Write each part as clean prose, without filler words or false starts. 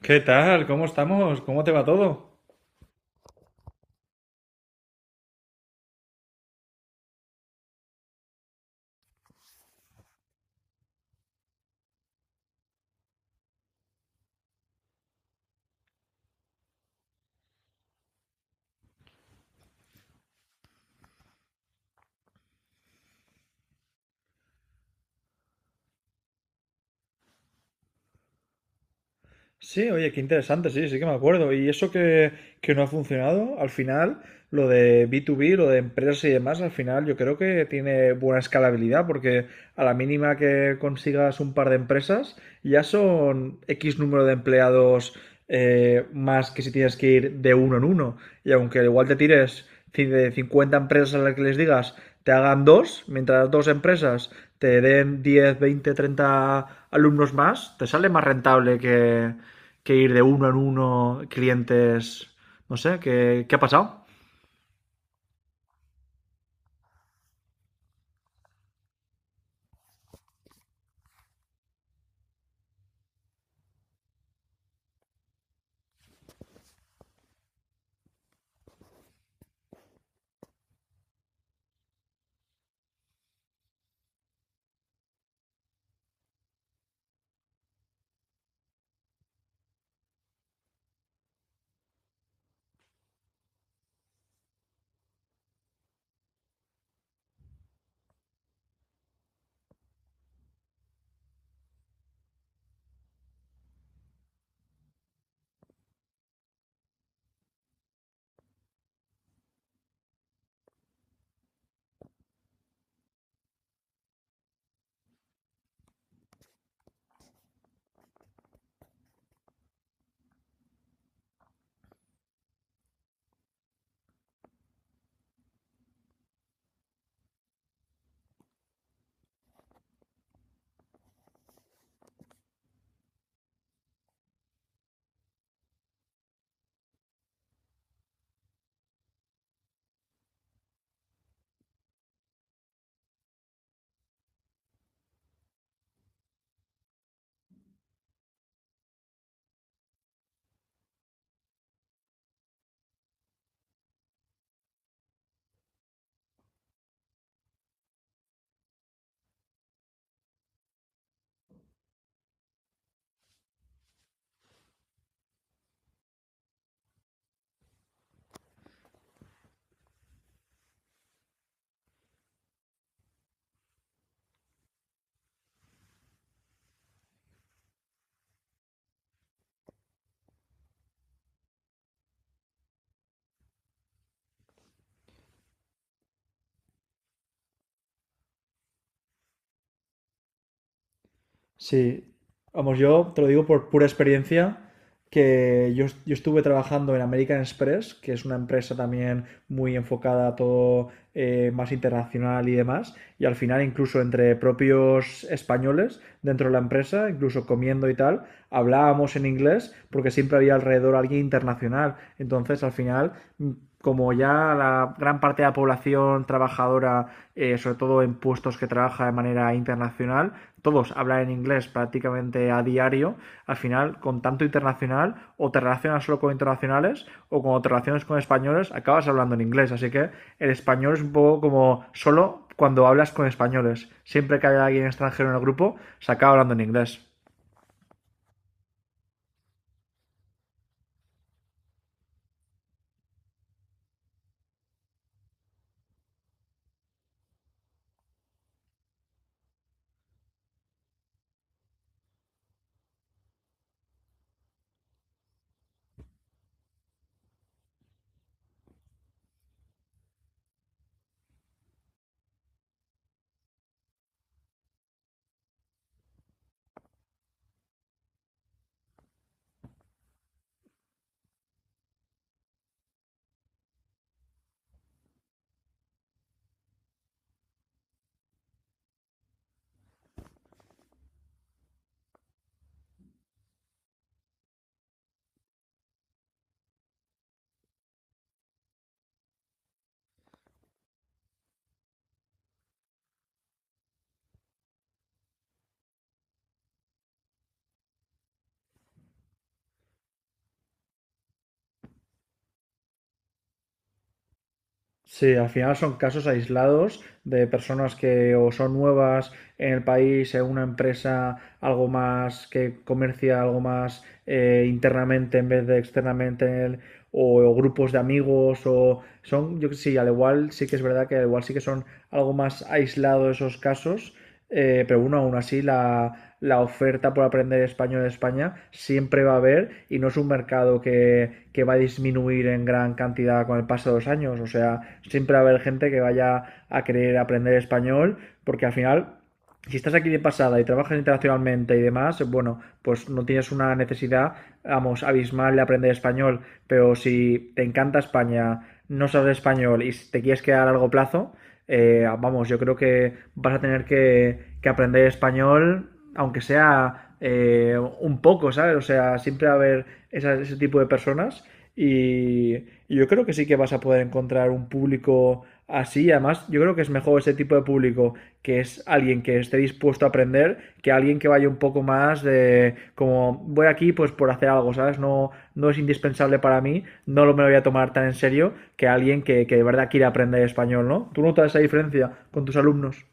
¿Qué tal? ¿Cómo estamos? ¿Cómo te va todo? Sí, oye, qué interesante, sí, sí que me acuerdo. Y eso que no ha funcionado, al final, lo de B2B, lo de empresas y demás, al final yo creo que tiene buena escalabilidad, porque a la mínima que consigas un par de empresas, ya son X número de empleados, más que si tienes que ir de uno en uno. Y aunque igual te tires de 50 empresas a las que les digas, te hagan dos, mientras las dos empresas te den 10, 20, 30 alumnos más, te sale más rentable que ir de uno en uno, clientes, no sé, qué ha pasado? Sí, vamos, yo te lo digo por pura experiencia, que yo estuve trabajando en American Express, que es una empresa también muy enfocada a todo más internacional y demás, y al final incluso entre propios españoles dentro de la empresa, incluso comiendo y tal, hablábamos en inglés porque siempre había alrededor alguien internacional. Entonces al final como ya la gran parte de la población trabajadora, sobre todo en puestos que trabaja de manera internacional, todos hablan en inglés prácticamente a diario, al final, con tanto internacional, o te relacionas solo con internacionales, o cuando te relacionas con españoles, acabas hablando en inglés. Así que el español es un poco como solo cuando hablas con españoles. Siempre que haya alguien extranjero en el grupo, se acaba hablando en inglés. Sí, al final son casos aislados de personas que o son nuevas en el país, en una empresa, algo más que comercia, algo más internamente en vez de externamente, o grupos de amigos, o son, yo que sí, al igual sí que es verdad que al igual sí que son algo más aislados esos casos, pero bueno, aún así la oferta por aprender español en España siempre va a haber y no es un mercado que va a disminuir en gran cantidad con el paso de los años. O sea, siempre va a haber gente que vaya a querer aprender español porque al final si estás aquí de pasada y trabajas internacionalmente y demás, bueno, pues no tienes una necesidad, vamos, abismal de aprender español, pero si te encanta España, no sabes español y te quieres quedar a largo plazo, vamos, yo creo que vas a tener que aprender español, aunque sea un poco, ¿sabes? O sea, siempre va a haber ese tipo de personas y yo creo que sí que vas a poder encontrar un público así. Además, yo creo que es mejor ese tipo de público que es alguien que esté dispuesto a aprender que alguien que vaya un poco más de como voy aquí pues por hacer algo, ¿sabes? No, no es indispensable para mí, no lo me lo voy a tomar tan en serio que alguien que de verdad quiere aprender español, ¿no? ¿Tú notas esa diferencia con tus alumnos?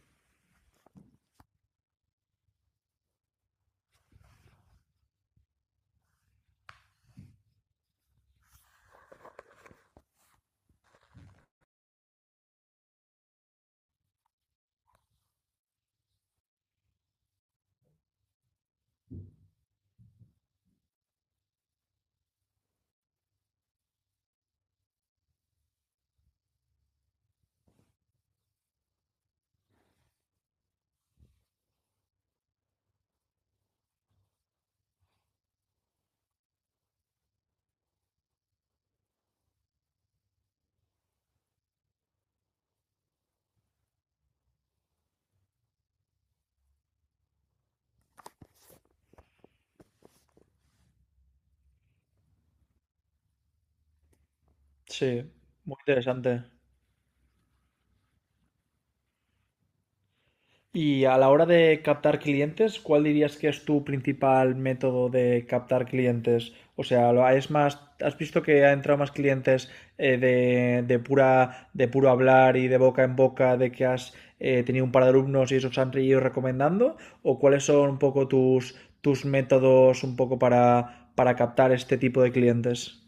Sí, muy interesante. Y a la hora de captar clientes, ¿cuál dirías que es tu principal método de captar clientes? O sea, es más, ¿has visto que ha entrado más clientes, de pura, de puro hablar y de boca en boca de que has tenido un par de alumnos y esos han ido recomendando? ¿O cuáles son un poco tus métodos un poco para captar este tipo de clientes?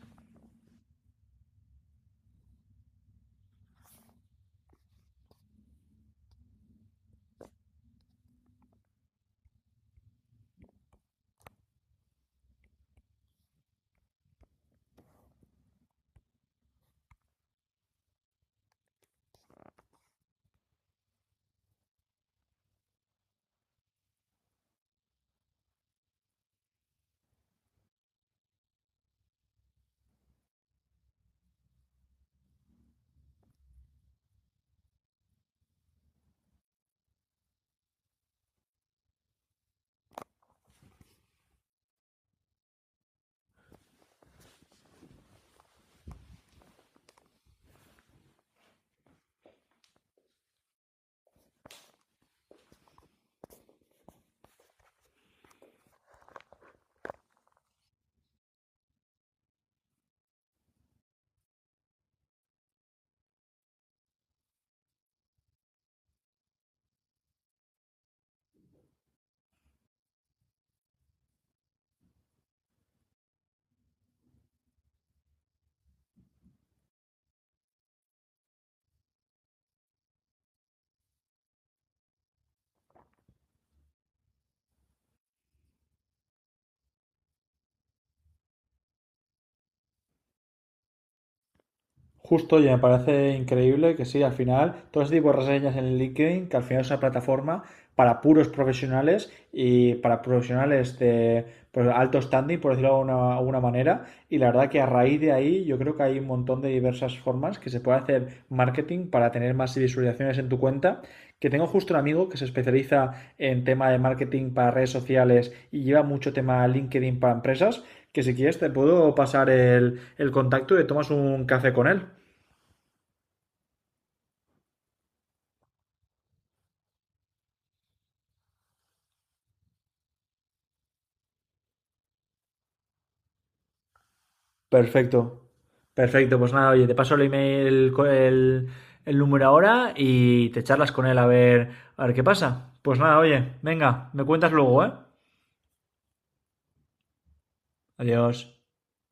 Justo, y me parece increíble que sí, al final, todo ese tipo de reseñas en LinkedIn, que al final es una plataforma para puros profesionales y para profesionales de pues, alto standing, por decirlo de alguna, alguna manera. Y la verdad que a raíz de ahí yo creo que hay un montón de diversas formas que se puede hacer marketing para tener más visualizaciones en tu cuenta. Que tengo justo un amigo que se especializa en tema de marketing para redes sociales y lleva mucho tema LinkedIn para empresas que si quieres te puedo pasar el contacto y tomas un café con él. Perfecto. Perfecto, pues nada, oye, te paso el email, el número ahora y te charlas con él a ver qué pasa. Pues nada, oye, venga, me cuentas luego, ¿eh? Adiós.